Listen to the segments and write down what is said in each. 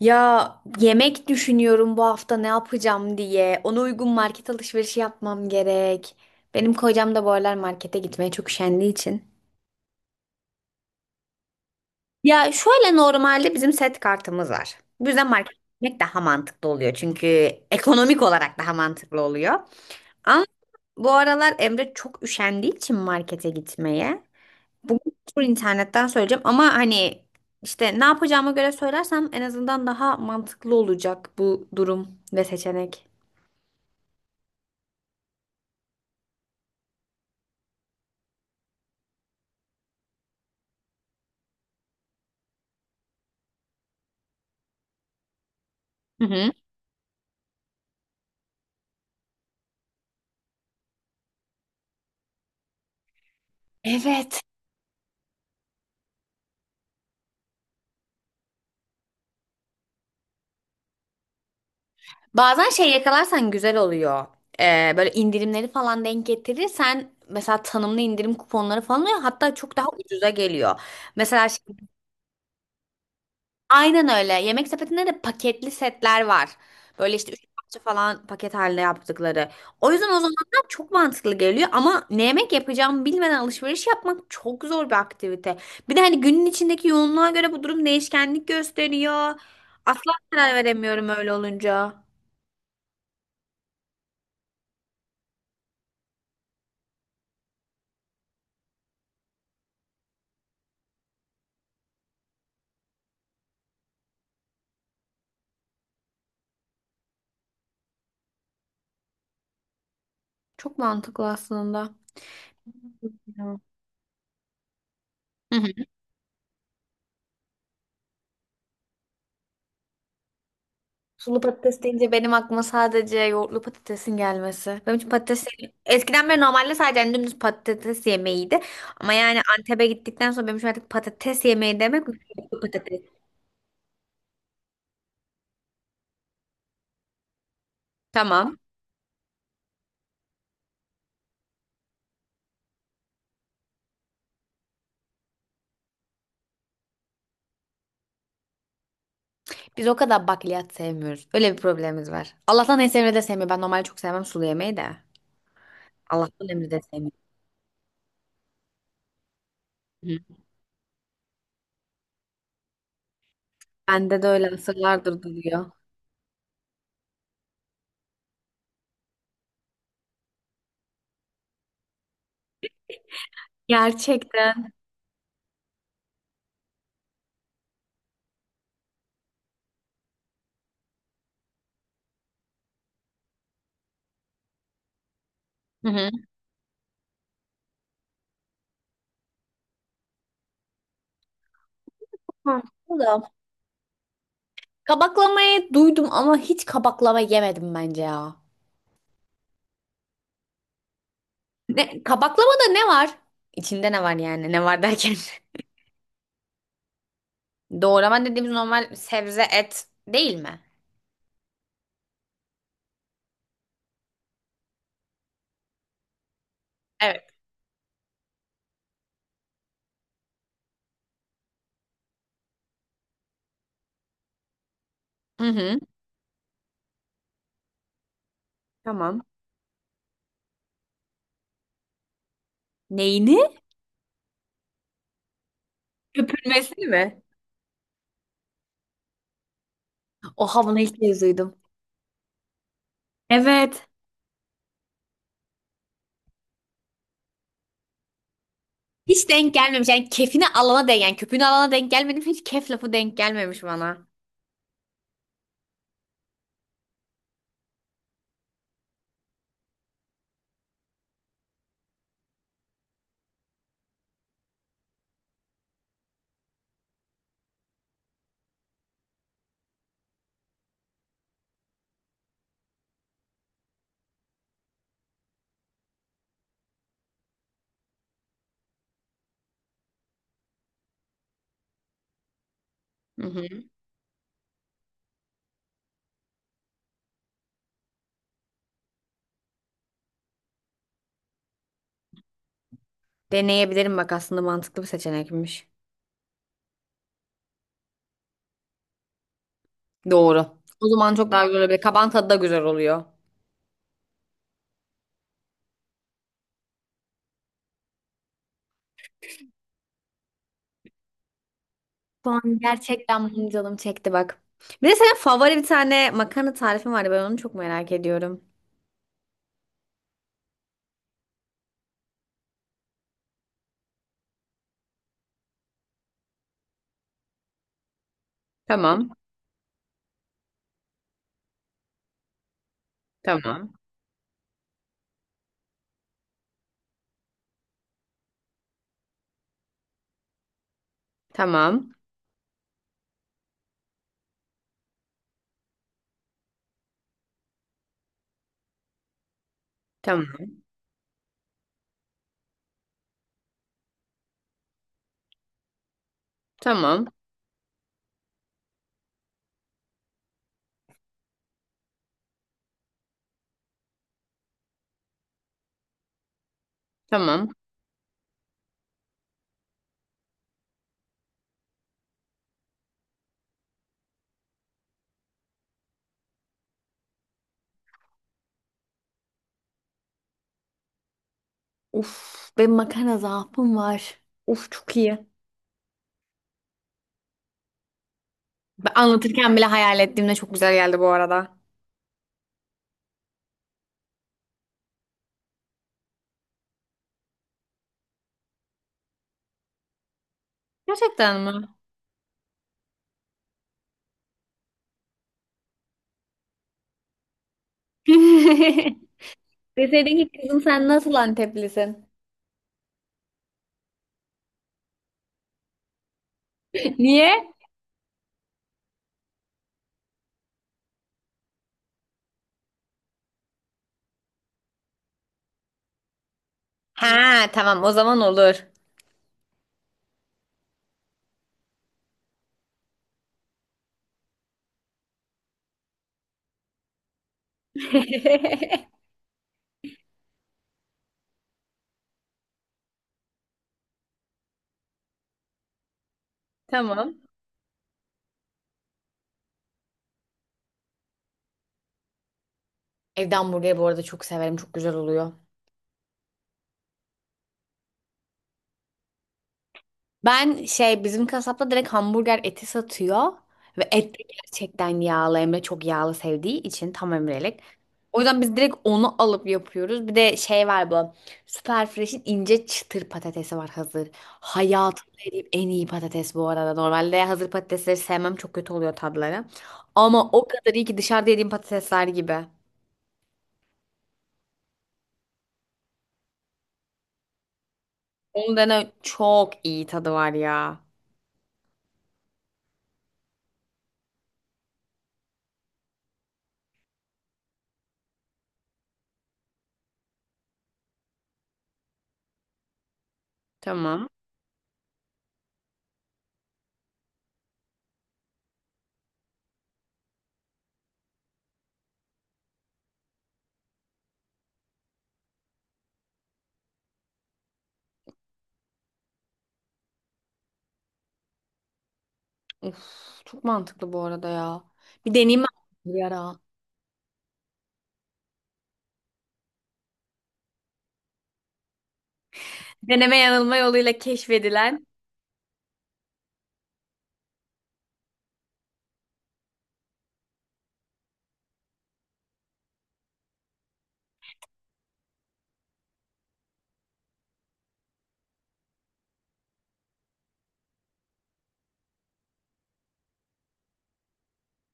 Ya yemek düşünüyorum bu hafta ne yapacağım diye. Ona uygun market alışverişi yapmam gerek. Benim kocam da bu aralar markete gitmeye çok üşendiği için. Ya şöyle normalde bizim set kartımız var. Bu yüzden markete gitmek daha mantıklı oluyor. Çünkü ekonomik olarak daha mantıklı oluyor. Ama bu aralar Emre çok üşendiği için markete gitmeye. Bugün tur internetten söyleyeceğim ama hani işte ne yapacağıma göre söylersem en azından daha mantıklı olacak bu durum ve seçenek. Hı hı. Evet. Bazen şey yakalarsan güzel oluyor. Böyle indirimleri falan denk getirirsen mesela tanımlı indirim kuponları falan oluyor. Hatta çok daha ucuza geliyor. Mesela aynen öyle. Yemek sepetinde de paketli setler var. Böyle işte üç parça falan paket halinde yaptıkları. O yüzden o zamanlar çok mantıklı geliyor ama ne yemek yapacağımı bilmeden alışveriş yapmak çok zor bir aktivite. Bir de hani günün içindeki yoğunluğa göre bu durum değişkenlik gösteriyor. Asla karar veremiyorum öyle olunca. Çok mantıklı aslında. Ya. Hı hı. Sulu patates deyince benim aklıma sadece yoğurtlu patatesin gelmesi. Benim için patates eskiden beri normalde sadece hani dümdüz patates yemeğiydi. Ama yani Antep'e gittikten sonra benim için artık patates yemeği demek yoğurtlu patates. Tamam. Biz o kadar bakliyat sevmiyoruz. Öyle bir problemimiz var. Allah'tan en sevmediği de sevmiyor. Ben normalde çok sevmem sulu yemeği de. Allah'tan emri de sevmiyor. Hı. Bende de öyle asırlardır duruyor. Gerçekten. Hı hı. Mantıklı da. Kabaklamayı duydum ama hiç kabaklama yemedim bence ya. Ne, kabaklamada ne var? İçinde ne var yani? Ne var derken? Doğrama dediğimiz normal sebze et değil mi? Evet. Hı hı. Tamam. Neyini? Köpürmesini mi? Oha bunu ilk kez duydum. Evet. Hiç denk gelmemiş. Yani kefini alana denk. Yani köpüğünü alana denk gelmedim. Hiç kef lafı denk gelmemiş bana. Hı hı. Deneyebilirim bak aslında mantıklı bir seçenekmiş. Doğru. O zaman çok daha güzel olabilir. Kabağın tadı da güzel oluyor. Şu an gerçekten benim canım çekti bak. Bir de senin favori bir tane makarna tarifin vardı. Ben onu çok merak ediyorum. Tamam, tamam, tamam, tamam, tamam, tamam. Uf, benim makarna zaafım var. Uf çok iyi. Ben anlatırken bile hayal ettiğimde çok güzel geldi bu arada. Gerçekten mi? Deseydin ki kızım sen nasıl Anteplisin? Niye? Ha, tamam o zaman olur. Evde. Tamam. Evde hamburgeri bu arada çok severim. Çok güzel oluyor. Ben şey bizim kasapta direkt hamburger eti satıyor ve et de gerçekten yağlı Emre çok yağlı sevdiği için tam Emre'lik. O yüzden biz direkt onu alıp yapıyoruz. Bir de şey var bu Süper Fresh'in ince çıtır patatesi var hazır. Hayatımda yediğim en iyi patates bu arada. Normalde hazır patatesleri sevmem çok kötü oluyor tadları. Ama o kadar iyi ki dışarıda yediğim patatesler gibi. Onun dene çok iyi tadı var ya. Tamam. Uf, çok mantıklı bu arada ya. Bir deneyeyim ben bir ara. Deneme yanılma yoluyla keşfedilen.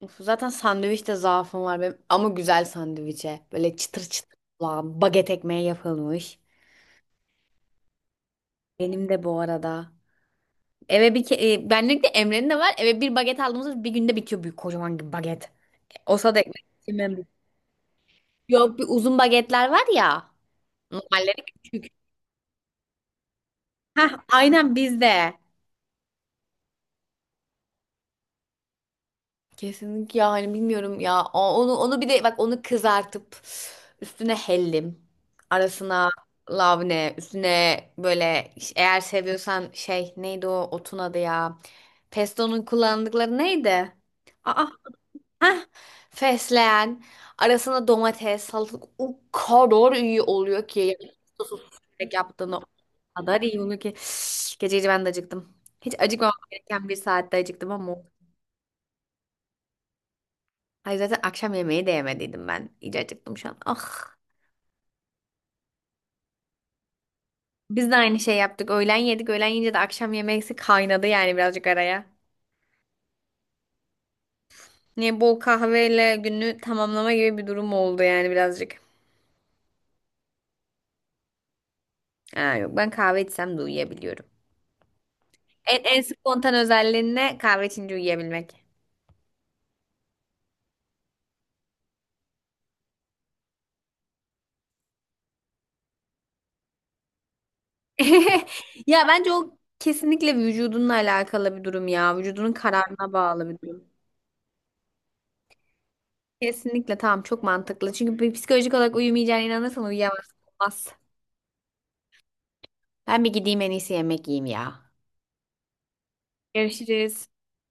Of, zaten sandviçte zaafım var benim. Ama güzel sandviçe. Böyle çıtır çıtır olan baget ekmeği yapılmış. Benim de bu arada. Eve bir benlik de Emre'nin de var. Eve bir baget aldığımızda bir günde bitiyor büyük kocaman gibi baget. Olsa da ekmek yemem. Yok bir uzun bagetler var ya. Normalleri küçük. Hah aynen bizde. Kesinlikle yani bilmiyorum ya. Onu onu bir de bak onu kızartıp üstüne hellim, arasına lavne, üstüne böyle eğer seviyorsan şey neydi o otun adı ya? Pesto'nun kullandıkları neydi? Aa, heh, fesleğen, arasına domates, salatalık o kadar iyi oluyor ki. Yani sosu sürekli yaptığını o kadar iyi oluyor ki. Gece gece ben de acıktım. Hiç acıkmamam gereken bir saatte acıktım ama hayır zaten akşam yemeği de yemediydim ben. İyice acıktım şu an. Ah. Biz de aynı şey yaptık. Öğlen yedik. Öğlen yiyince de akşam yemeksi kaynadı yani birazcık araya. Ne bol kahveyle günü tamamlama gibi bir durum oldu yani birazcık. Aa, yok ben kahve içsem de uyuyabiliyorum. En, en spontan özelliğin ne? Kahve içince uyuyabilmek. Ya bence o kesinlikle vücudunla alakalı bir durum ya. Vücudunun kararına bağlı bir durum. Kesinlikle tamam çok mantıklı. Çünkü bir psikolojik olarak uyumayacağına inanırsan uyuyamazsın. Olmaz. Ben bir gideyim en iyisi yemek yiyeyim ya. Görüşürüz.